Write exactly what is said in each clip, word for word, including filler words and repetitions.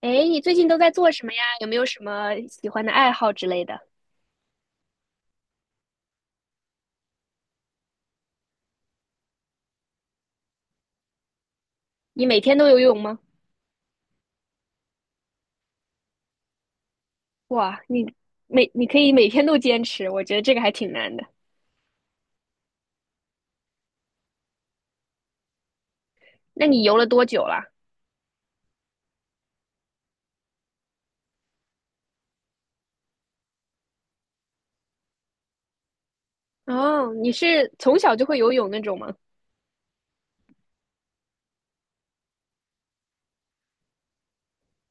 哎，你最近都在做什么呀？有没有什么喜欢的爱好之类的？你每天都游泳吗？哇，你每你可以每天都坚持，我觉得这个还挺难的。那你游了多久了？哦，你是从小就会游泳那种吗？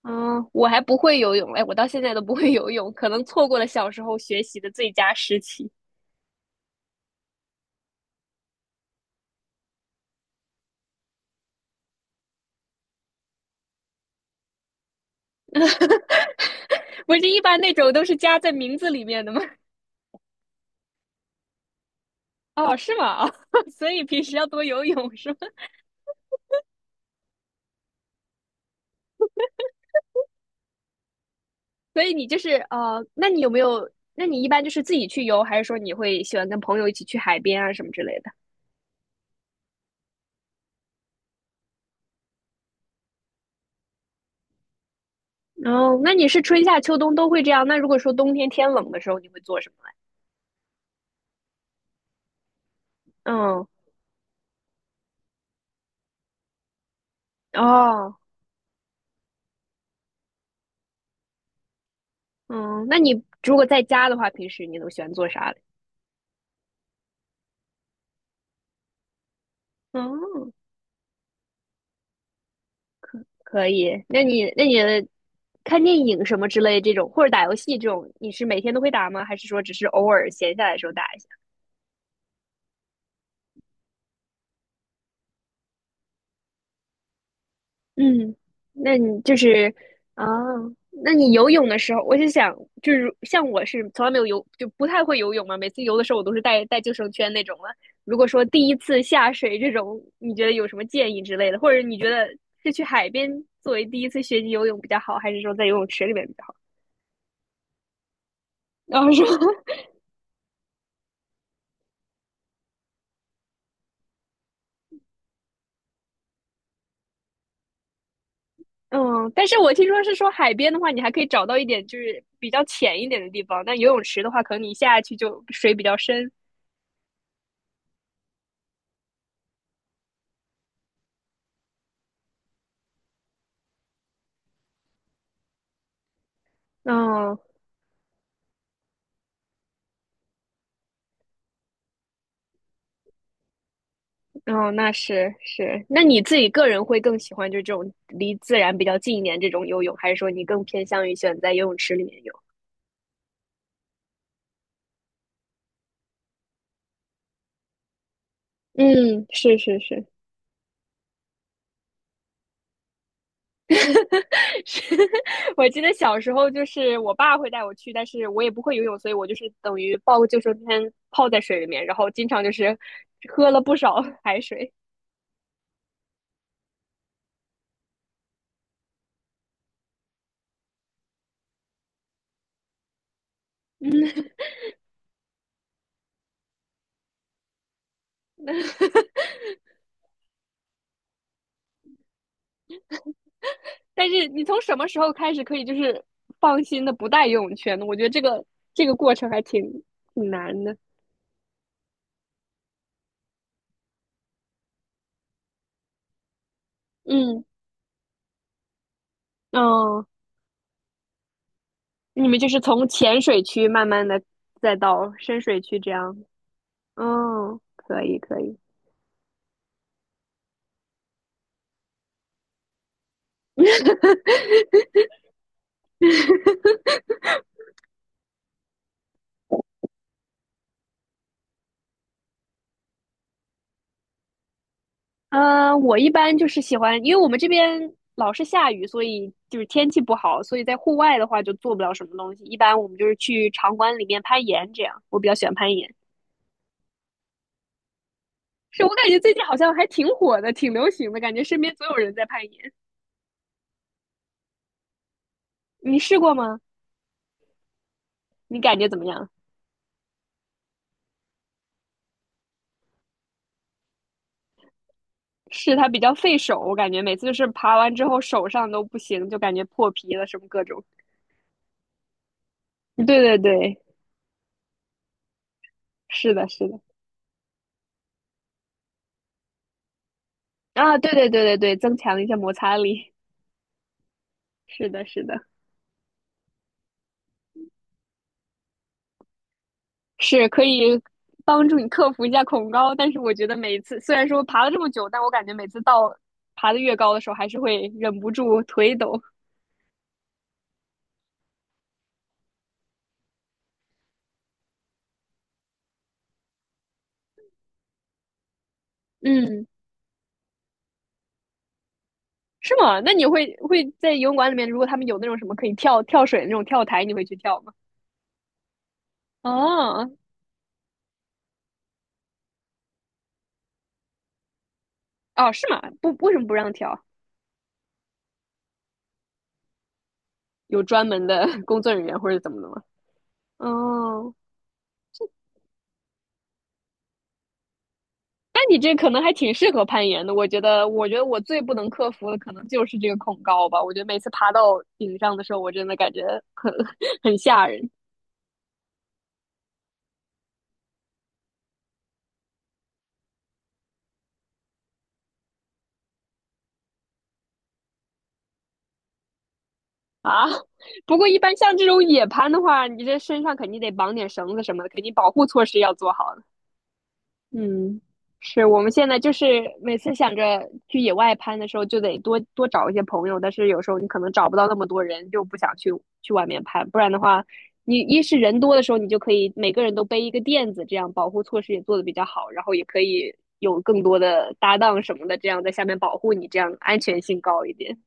哦，我还不会游泳，哎，我到现在都不会游泳，可能错过了小时候学习的最佳时期。不是一般那种都是加在名字里面的吗？哦，是吗？哦，所以平时要多游泳是吗？所以你就是呃，那你有没有？那你一般就是自己去游，还是说你会喜欢跟朋友一起去海边啊什么之类的？哦，那你是春夏秋冬都会这样？那如果说冬天天冷的时候，你会做什么？嗯。哦。嗯，那你如果在家的话，平时你都喜欢做啥嘞？哦，可以。那你那你看电影什么之类这种，或者打游戏这种，你是每天都会打吗？还是说只是偶尔闲下来的时候打一下？嗯，那你就是啊，那你游泳的时候，我就想，就是像我是从来没有游，就不太会游泳嘛。每次游的时候，我都是带带救生圈那种了。如果说第一次下水这种，你觉得有什么建议之类的，或者你觉得是去海边作为第一次学习游泳比较好，还是说在游泳池里面比较好？然后说，嗯，但是我听说是说海边的话，你还可以找到一点就是比较浅一点的地方，但游泳池的话，可能你下去就水比较深。嗯。哦，那是是，那你自己个人会更喜欢就这种离自然比较近一点这种游泳，还是说你更偏向于选在游泳池里面游？嗯，是是是。是，我记得小时候就是我爸会带我去，但是我也不会游泳，所以我就是等于抱个救生圈泡在水里面，然后经常就是喝了不少 海水。但是你从什么时候开始可以就是放心的不带游泳圈呢？我觉得这个这个过程还挺挺难的。嗯。哦，你们就是从浅水区慢慢的再到深水区这样。嗯，可以可以。嗯，我一般就是喜欢，因为我们这边老是下雨，所以就是天气不好，所以在户外的话就做不了什么东西。一般我们就是去场馆里面攀岩，这样我比较喜欢攀岩。是我感觉最近好像还挺火的，挺流行的，感觉身边总有人在攀岩。你试过吗？你感觉怎么样？是它比较费手，我感觉每次就是爬完之后手上都不行，就感觉破皮了什么各种。对对对，是的，是的。啊，对对对对对，增强一下摩擦力，是的，是的，是可以帮助你克服一下恐高。但是我觉得每次虽然说爬了这么久，但我感觉每次到爬得越高的时候，还是会忍不住腿抖。嗯，是吗？那你会会在游泳馆里面，如果他们有那种什么可以跳跳水的那种跳台，你会去跳吗？哦。哦，是吗？不，为什么不让跳？有专门的 工作人员或者怎么的吗？哦，那你这可能还挺适合攀岩的，我觉得，我觉得我最不能克服的可能就是这个恐高吧。我觉得每次爬到顶上的时候，我真的感觉很 很吓人啊。不过一般像这种野攀的话，你这身上肯定得绑点绳子什么的，肯定保护措施要做好。嗯，是我们现在就是每次想着去野外攀的时候，就得多多找一些朋友，但是有时候你可能找不到那么多人，就不想去去外面攀，不然的话，你一是人多的时候，你就可以每个人都背一个垫子，这样保护措施也做得比较好，然后也可以有更多的搭档什么的，这样在下面保护你，这样安全性高一点。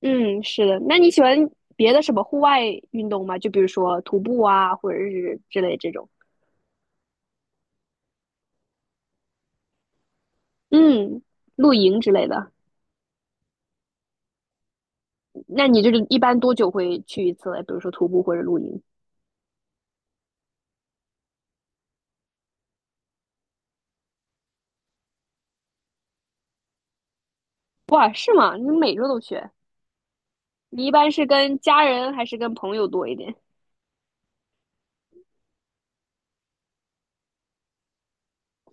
嗯，是的。那你喜欢别的什么户外运动吗？就比如说徒步啊，或者是之类这种，嗯，露营之类的。那你就是一般多久会去一次嘞？比如说徒步或者露营？哇，是吗？你每周都去？你一般是跟家人还是跟朋友多一点？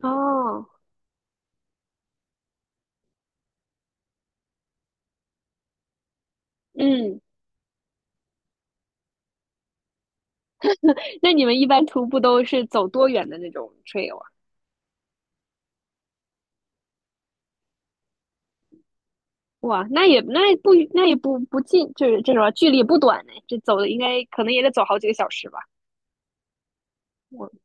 哦。嗯，那你们一般徒步都是走多远的那种 trail 啊？哇，那也那也不那也不不近，就是这种距离也不短呢。这走的应该可能也得走好几个小时吧。我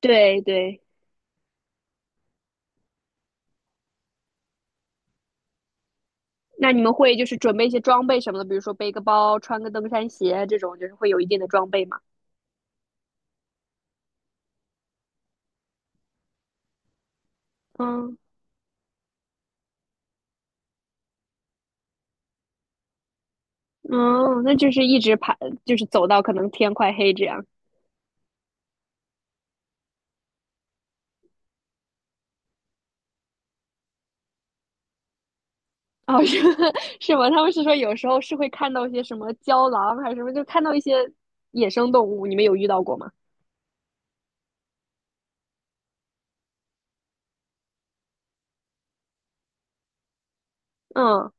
对对，那你们会就是准备一些装备什么的，比如说背个包、穿个登山鞋这种，就是会有一定的装备吗？嗯。哦，那就是一直爬，就是走到可能天快黑这样。哦，是 是吗？他们是说有时候是会看到一些什么郊狼还是什么，就看到一些野生动物，你们有遇到过吗？嗯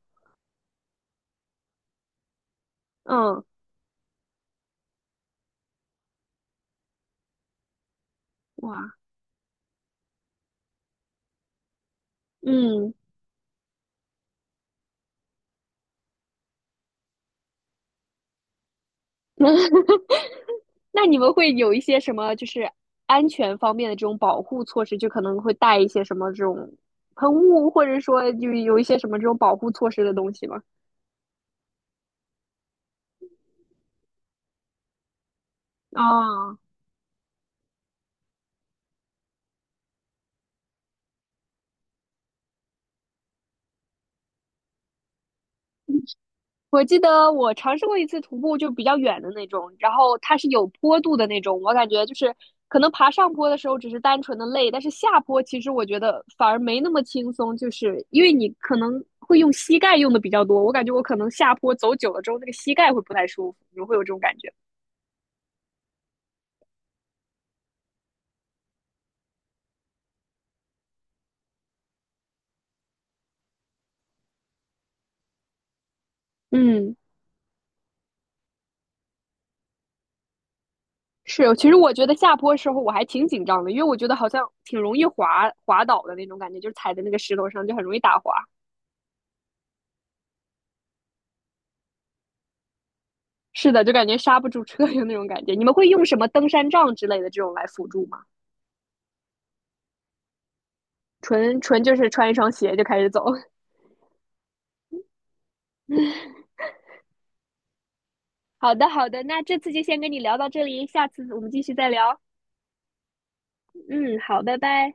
嗯。哇。嗯，那你们会有一些什么就是安全方面的这种保护措施，就可能会带一些什么这种喷雾，或者说就有一些什么这种保护措施的东西吗？啊、我记得我尝试过一次徒步，就比较远的那种，然后它是有坡度的那种。我感觉就是可能爬上坡的时候只是单纯的累，但是下坡其实我觉得反而没那么轻松，就是因为你可能会用膝盖用的比较多。我感觉我可能下坡走久了之后，那个膝盖会不太舒服，你会有这种感觉。嗯，是，其实我觉得下坡时候我还挺紧张的，因为我觉得好像挺容易滑滑倒的那种感觉，就是踩在那个石头上就很容易打滑。是的，就感觉刹不住车有那种感觉。你们会用什么登山杖之类的这种来辅助吗？纯纯就是穿一双鞋就开始走。好的，好的，那这次就先跟你聊到这里，下次我们继续再聊。嗯，好，拜拜。